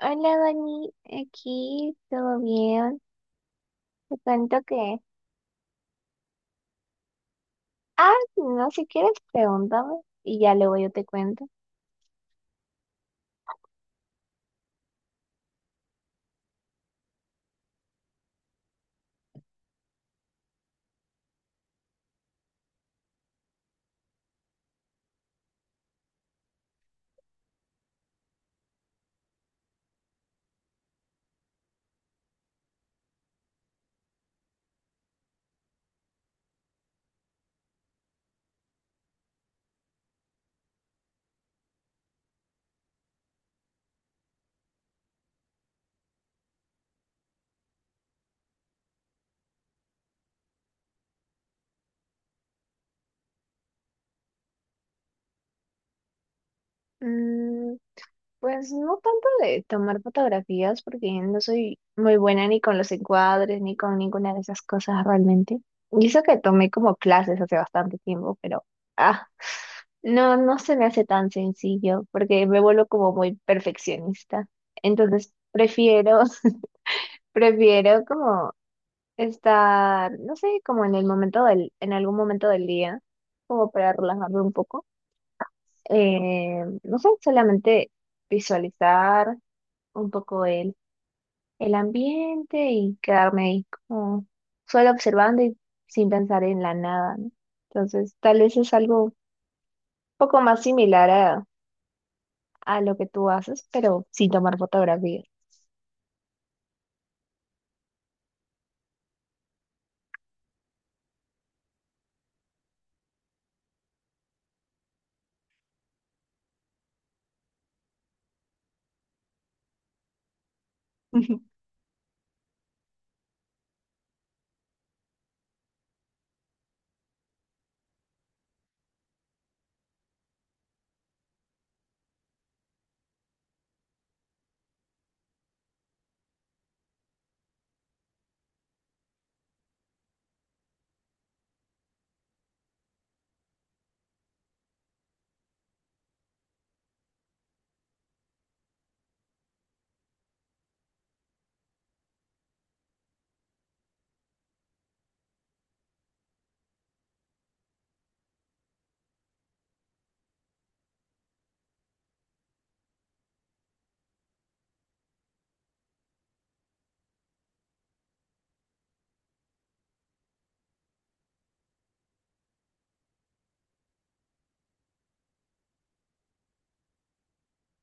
Hola, Dani, aquí, ¿todo bien? Te cuento que... Ah, no, si quieres, pregúntame y ya luego yo te cuento. Mm, pues no tanto de tomar fotografías porque no soy muy buena ni con los encuadres ni con ninguna de esas cosas realmente. Y eso que tomé como clases hace bastante tiempo, pero... Ah, no se me hace tan sencillo porque me vuelvo como muy perfeccionista. Entonces, prefiero... Prefiero como estar, no sé, como en el en algún momento del día, como para relajarme un poco. No sé, solamente visualizar un poco el ambiente y quedarme ahí como solo observando y sin pensar en la nada, ¿no? Entonces, tal vez es algo un poco más similar a lo que tú haces, pero sin tomar fotografías.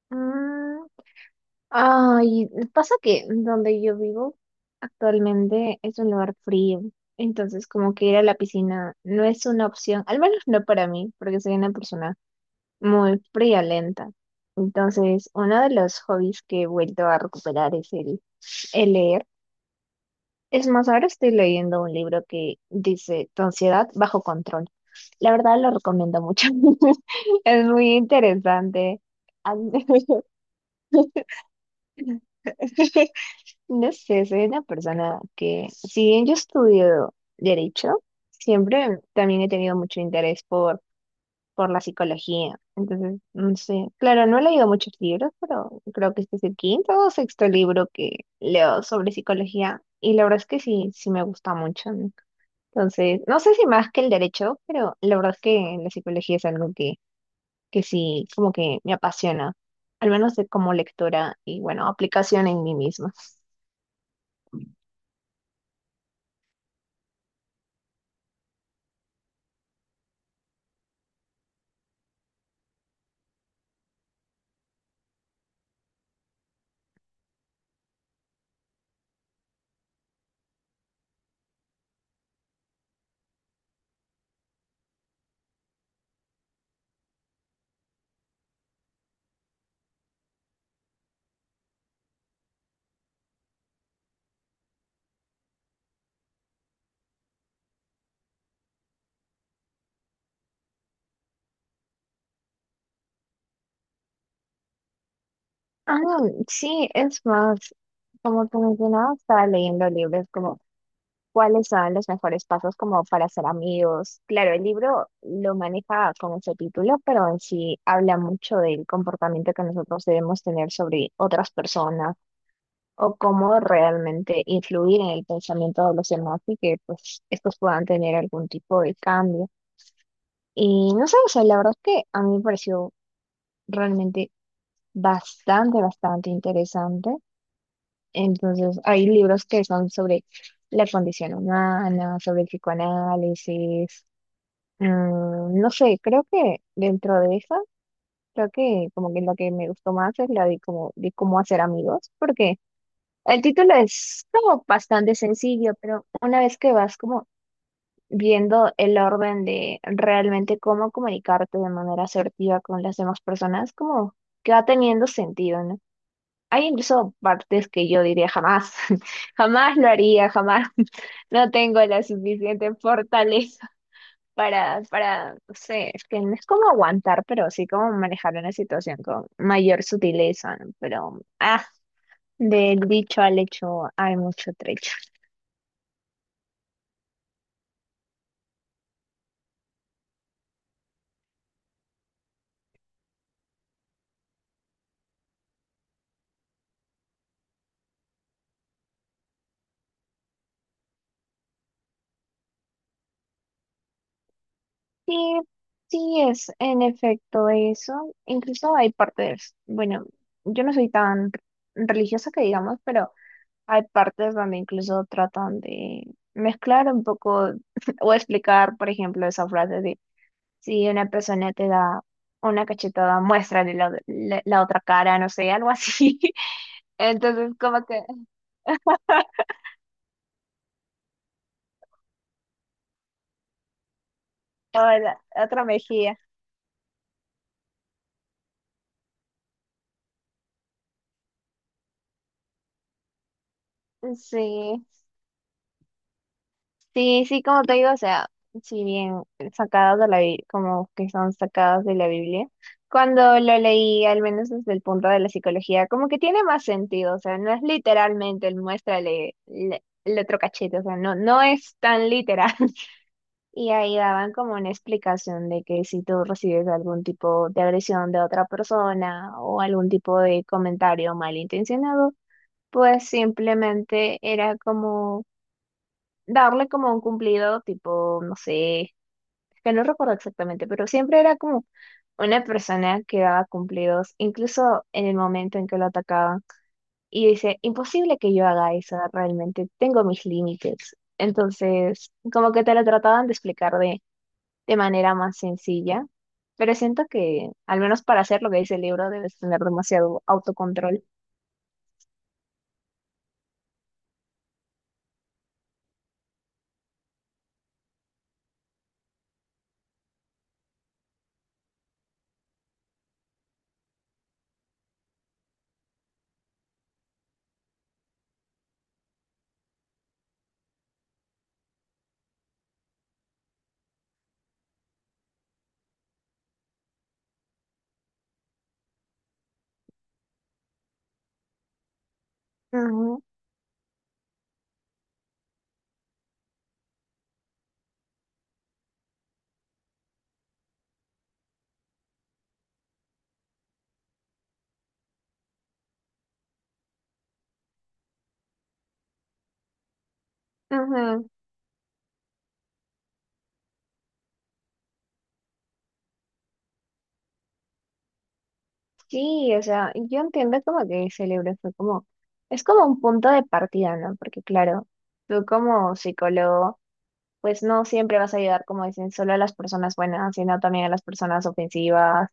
Mm, Ay, pasa que donde yo vivo actualmente es un lugar frío, entonces como que ir a la piscina no es una opción, al menos no para mí, porque soy una persona muy friolenta. Entonces, uno de los hobbies que he vuelto a recuperar es el leer. Es más, ahora estoy leyendo un libro que dice Tu ansiedad bajo control. La verdad lo recomiendo mucho. Es muy interesante. Al- No sé, soy una persona que, si bien yo estudio derecho, siempre también he tenido mucho interés por la psicología. Entonces, no sé, claro, no he leído muchos libros, pero creo que este es el quinto o sexto libro que leo sobre psicología. Y la verdad es que sí, sí me gusta mucho, ¿no? Entonces, no sé si más que el derecho, pero la verdad es que la psicología es algo que sí, como que me apasiona, al menos de como lectora y bueno, aplicación en mí misma. Ah, sí, es más, como tú mencionabas, estaba leyendo libros como cuáles son los mejores pasos como para ser amigos. Claro, el libro lo maneja con ese título, pero en sí habla mucho del comportamiento que nosotros debemos tener sobre otras personas o cómo realmente influir en el pensamiento de los demás y que pues estos puedan tener algún tipo de cambio. Y no sé, o sea, la verdad es que a mí me pareció realmente bastante, bastante interesante. Entonces, hay libros que son sobre la condición humana, sobre el psicoanálisis. No sé, creo que dentro de eso, creo que como que lo que me gustó más es la de cómo hacer amigos, porque el título es como bastante sencillo, pero una vez que vas como viendo el orden de realmente cómo comunicarte de manera asertiva con las demás personas, como que va teniendo sentido, ¿no? Hay incluso partes que yo diría jamás, jamás lo haría, jamás. No tengo la suficiente fortaleza para, no sé, es que no es como aguantar, pero sí como manejar una situación con mayor sutileza, ¿no? Pero, ah, del dicho al hecho hay mucho trecho. Sí, sí es en efecto eso. Incluso hay partes, bueno, yo no soy tan religiosa que digamos, pero hay partes donde incluso tratan de mezclar un poco o explicar, por ejemplo, esa frase de si una persona te da una cachetada, muéstrale la otra cara, no sé, algo así. Entonces, como que, o la otra mejilla. Sí. Sí, sí, como te digo, o sea, si bien sacadas de la Biblia, como que son sacadas de la Biblia, cuando lo leí, al menos desde el punto de la psicología, como que tiene más sentido, o sea, no es literalmente el el otro cachete, o sea, no, no es tan literal. Y ahí daban como una explicación de que si tú recibes algún tipo de agresión de otra persona o algún tipo de comentario malintencionado, pues simplemente era como darle como un cumplido, tipo, no sé, es que no recuerdo exactamente, pero siempre era como una persona que daba cumplidos, incluso en el momento en que lo atacaban. Y dice, imposible que yo haga eso, realmente tengo mis límites. Entonces, como que te lo trataban de explicar de manera más sencilla, pero siento que, al menos para hacer lo que dice el libro, debes tener demasiado autocontrol. Ujú, ujú. Sí, o sea, yo entiendo como que ese fue como, es como un punto de partida, ¿no? Porque claro, tú como psicólogo, pues no siempre vas a ayudar, como dicen, solo a las personas buenas, sino también a las personas ofensivas.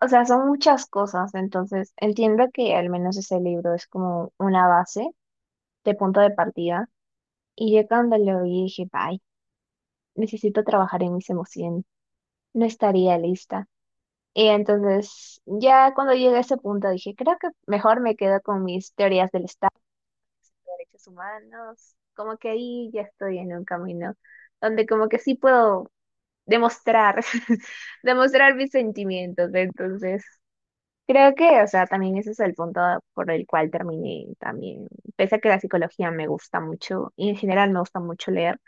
O sea, son muchas cosas, entonces entiendo que al menos ese libro es como una base de punto de partida. Y yo cuando lo vi dije, bye, necesito trabajar en mis emociones, no estaría lista. Y entonces, ya cuando llegué a ese punto dije, creo que mejor me quedo con mis teorías del Estado, de derechos humanos, como que ahí ya estoy en un camino donde como que sí puedo demostrar, demostrar mis sentimientos. Entonces, creo que, o sea, también ese es el punto por el cual terminé también. Pese a que la psicología me gusta mucho y en general me gusta mucho leer,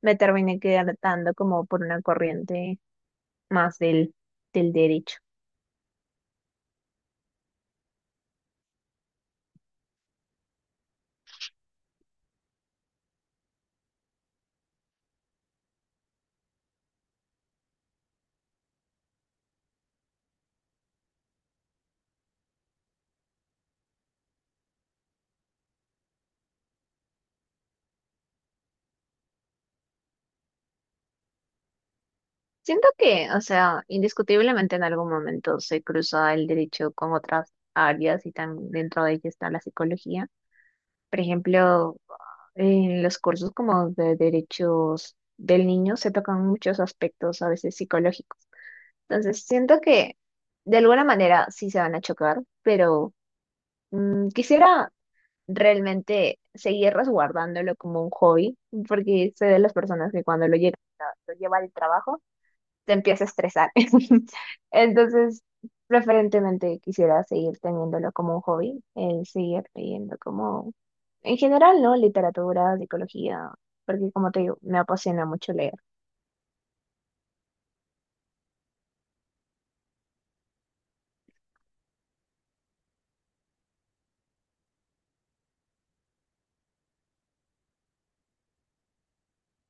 me terminé quedando como por una corriente más del derecho. Siento que, o sea, indiscutiblemente en algún momento se cruza el derecho con otras áreas y tan dentro de ella está la psicología. Por ejemplo, en los cursos como de derechos del niño se tocan muchos aspectos a veces psicológicos. Entonces, siento que de alguna manera sí se van a chocar, pero mm, quisiera realmente seguir resguardándolo como un hobby, porque sé de las personas que cuando lo llegan, lo lleva al trabajo te empieza a estresar. Entonces, preferentemente quisiera seguir teniéndolo como un hobby, el seguir leyendo como, en general, ¿no? Literatura, psicología, porque como te digo, me apasiona mucho leer.